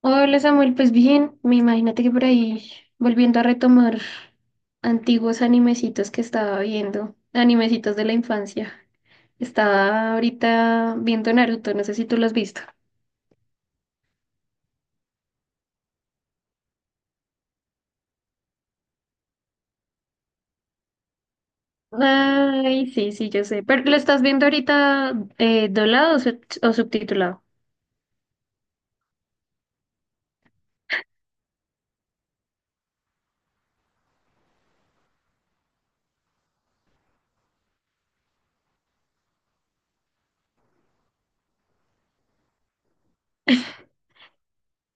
Hola Samuel, pues bien, me imagínate que por ahí volviendo a retomar antiguos animecitos que estaba viendo, animecitos de la infancia. Estaba ahorita viendo Naruto, no sé si tú lo has visto. Ay, sí, sí, yo sé, pero ¿lo estás viendo ahorita doblado o, o subtitulado?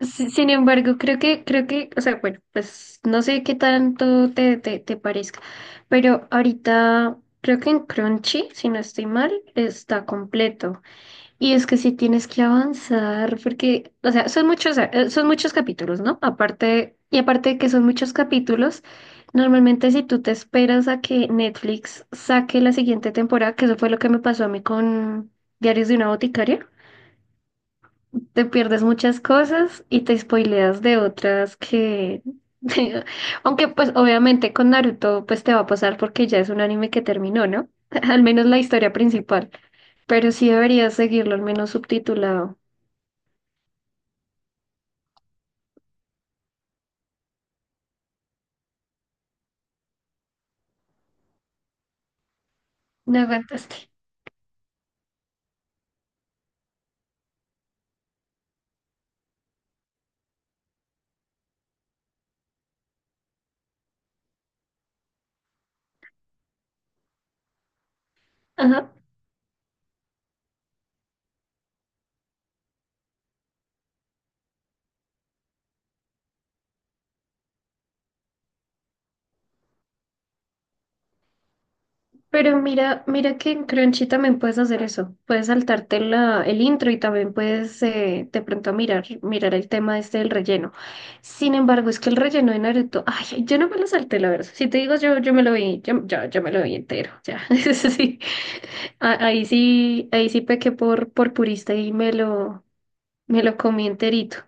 Sin embargo, creo que, o sea, bueno, pues no sé qué tanto te parezca, pero ahorita creo que en Crunchy, si no estoy mal, está completo. Y es que sí tienes que avanzar, porque, o sea, son muchos capítulos, ¿no? Aparte, y aparte de que son muchos capítulos, normalmente si tú te esperas a que Netflix saque la siguiente temporada, que eso fue lo que me pasó a mí con Diarios de una boticaria, te pierdes muchas cosas y te spoileas de otras que, aunque pues obviamente con Naruto pues te va a pasar porque ya es un anime que terminó, ¿no? Al menos la historia principal, pero sí deberías seguirlo al menos subtitulado. No aguantaste. Ajá. Pero mira, mira que en Crunchy también puedes hacer eso. Puedes saltarte el intro y también puedes de pronto mirar, mirar el tema este del relleno. Sin embargo, es que el relleno de Naruto, ay, yo no me lo salté, la verdad. Si te digo yo, yo me lo vi, yo me lo vi entero. Ya, sí. Ahí sí, ahí sí pequé por purista y me lo comí enterito.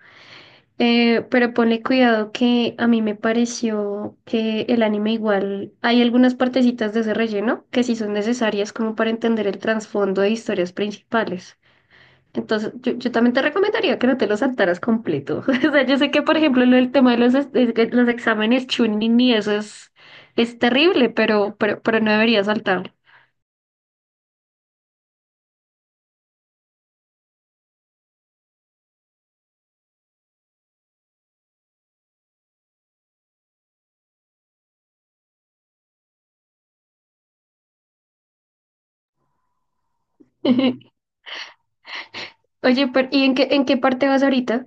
Pero ponle cuidado que a mí me pareció que el anime igual hay algunas partecitas de ese relleno que sí son necesarias como para entender el trasfondo de historias principales. Entonces, yo también te recomendaría que no te lo saltaras completo. O sea, yo sé que, por ejemplo, lo del tema de los, de los exámenes Chunin y eso es terrible, pero, pero no deberías saltarlo. Oye, pero, ¿y en qué parte vas ahorita?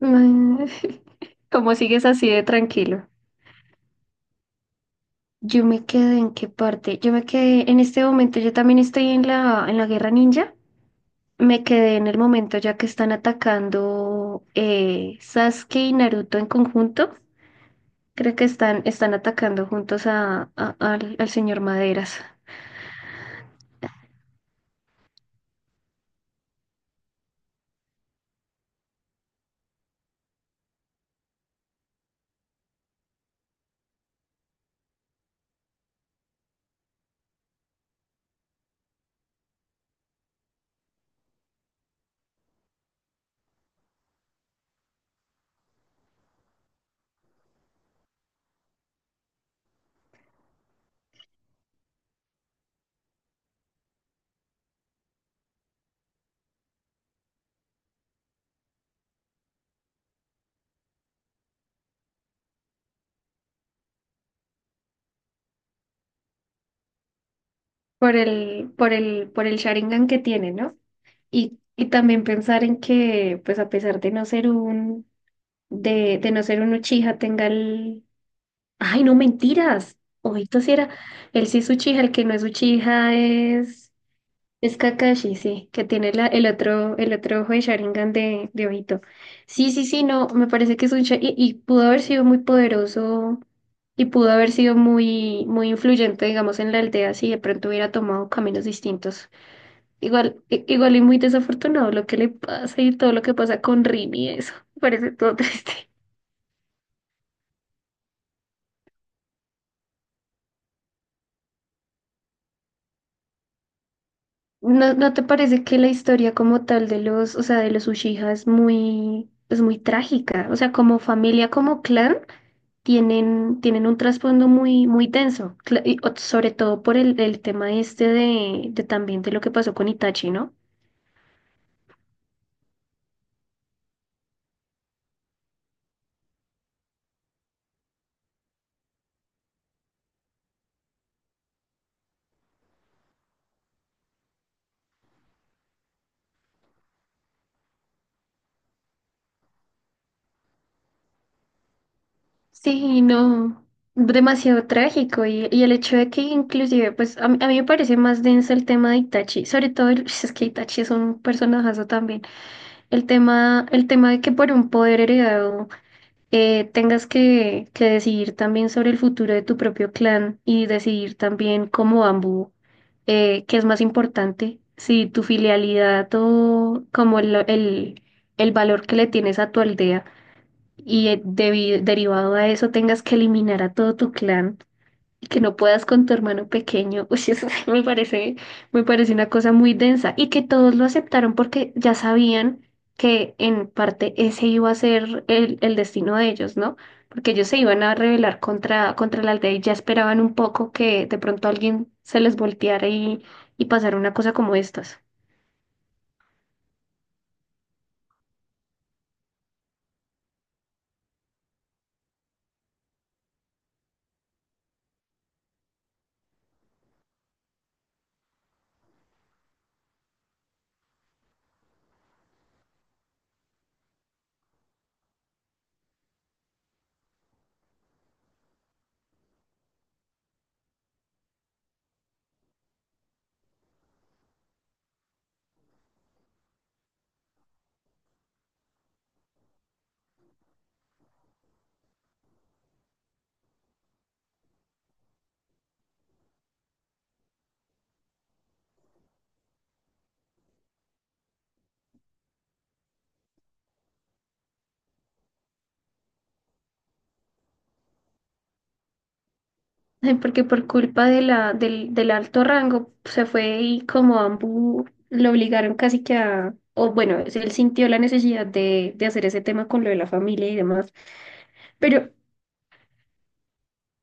¿Cómo sigues así de tranquilo? Yo me quedé en qué parte. Yo me quedé en este momento. Yo también estoy en en la guerra ninja. Me quedé en el momento ya que están atacando Sasuke y Naruto en conjunto. Creo que están, están atacando juntos a, al señor Maderas por el, por el Sharingan que tiene, ¿no? Y también pensar en que, pues a pesar de no ser un, de no ser un Uchiha, tenga el, ay, no mentiras. Obito sí era. Él sí es Uchiha, el que no es Uchiha es Kakashi, sí, que tiene la, el otro ojo de Sharingan de Obito. Sí, sí, sí, no, me parece que es un Uchiha y pudo haber sido muy poderoso y pudo haber sido muy, muy influyente, digamos, en la aldea si de pronto hubiera tomado caminos distintos. Igual, igual y muy desafortunado lo que le pasa y todo lo que pasa con Rin y eso. Me parece todo triste. ¿No te parece que la historia como tal de los, o sea, de los Uchiha es muy trágica? O sea, como familia, como clan, tienen, tienen un trasfondo muy, muy denso, sobre todo por el tema este de también de lo que pasó con Itachi, ¿no? Sí, no, demasiado trágico y el hecho de que inclusive, pues mí a mí me parece más denso el tema de Itachi, sobre todo es que Itachi es un personajazo también, el tema de que por un poder heredado tengas que decidir también sobre el futuro de tu propio clan y decidir también como Ambu qué es más importante, si tu filialidad o como el valor que le tienes a tu aldea y derivado a eso tengas que eliminar a todo tu clan y que no puedas con tu hermano pequeño, uy, eso sí me parece una cosa muy densa y que todos lo aceptaron porque ya sabían que en parte ese iba a ser el destino de ellos, ¿no? Porque ellos se iban a rebelar contra, contra la aldea y ya esperaban un poco que de pronto alguien se les volteara y pasara una cosa como estas. Ay, porque por culpa de la, del alto rango se fue y como Ambu lo obligaron casi que a, o bueno, él sintió la necesidad de hacer ese tema con lo de la familia y demás, pero,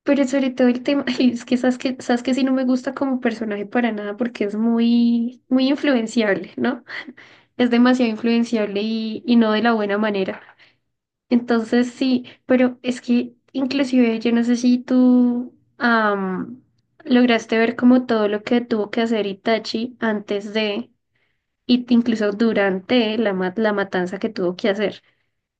pero sobre todo el tema, ay, es que sabes que, sabes que sí no me gusta como personaje para nada porque es muy, muy influenciable, ¿no? Es demasiado influenciable y no de la buena manera. Entonces sí, pero es que inclusive yo no sé si tú lograste ver como todo lo que tuvo que hacer Itachi antes de, y incluso durante la, la matanza que tuvo que hacer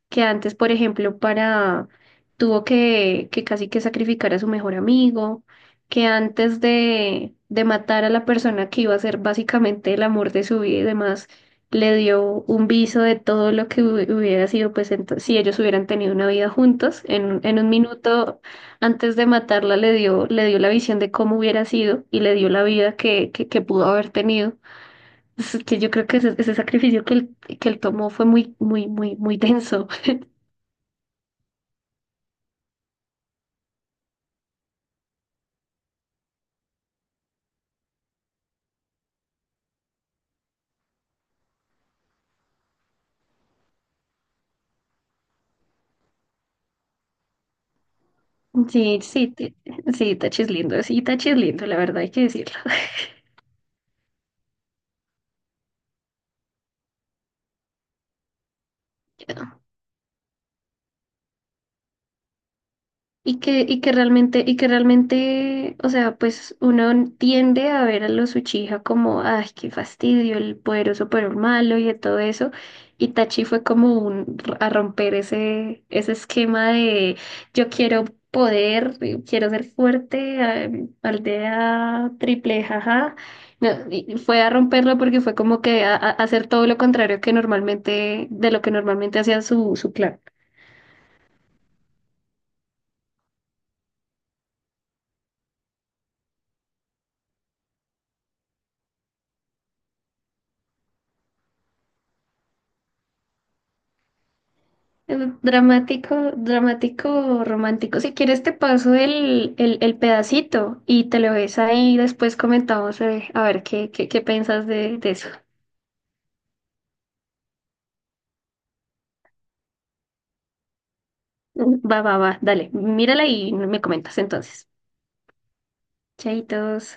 que antes, por ejemplo, para tuvo que casi que sacrificar a su mejor amigo, que antes de matar a la persona que iba a ser básicamente el amor de su vida y demás, le dio un viso de todo lo que hubiera sido, pues si ellos hubieran tenido una vida juntos, en un minuto antes de matarla le dio la visión de cómo hubiera sido y le dio la vida que pudo haber tenido. Es que yo creo que ese sacrificio que él tomó fue muy, muy denso. Sí, sí, sí, Tachi es lindo, sí, Tachi es lindo, la verdad hay que decirlo. Y que realmente, o sea, pues uno tiende a ver a los Uchiha como, ay, qué fastidio, el poderoso pero el malo y de todo eso. Y Tachi fue como un, a romper ese, ese esquema de yo quiero poder, quiero ser fuerte, ah, aldea triple, jaja. No, y fue a romperlo porque fue como que a, a hacer todo lo contrario que normalmente, de lo que normalmente hacía su, su clan. Dramático, dramático, romántico. Si quieres te paso el pedacito y te lo ves ahí y después comentamos a ver qué piensas de eso. Va, dale, mírala y me comentas entonces. Chaitos.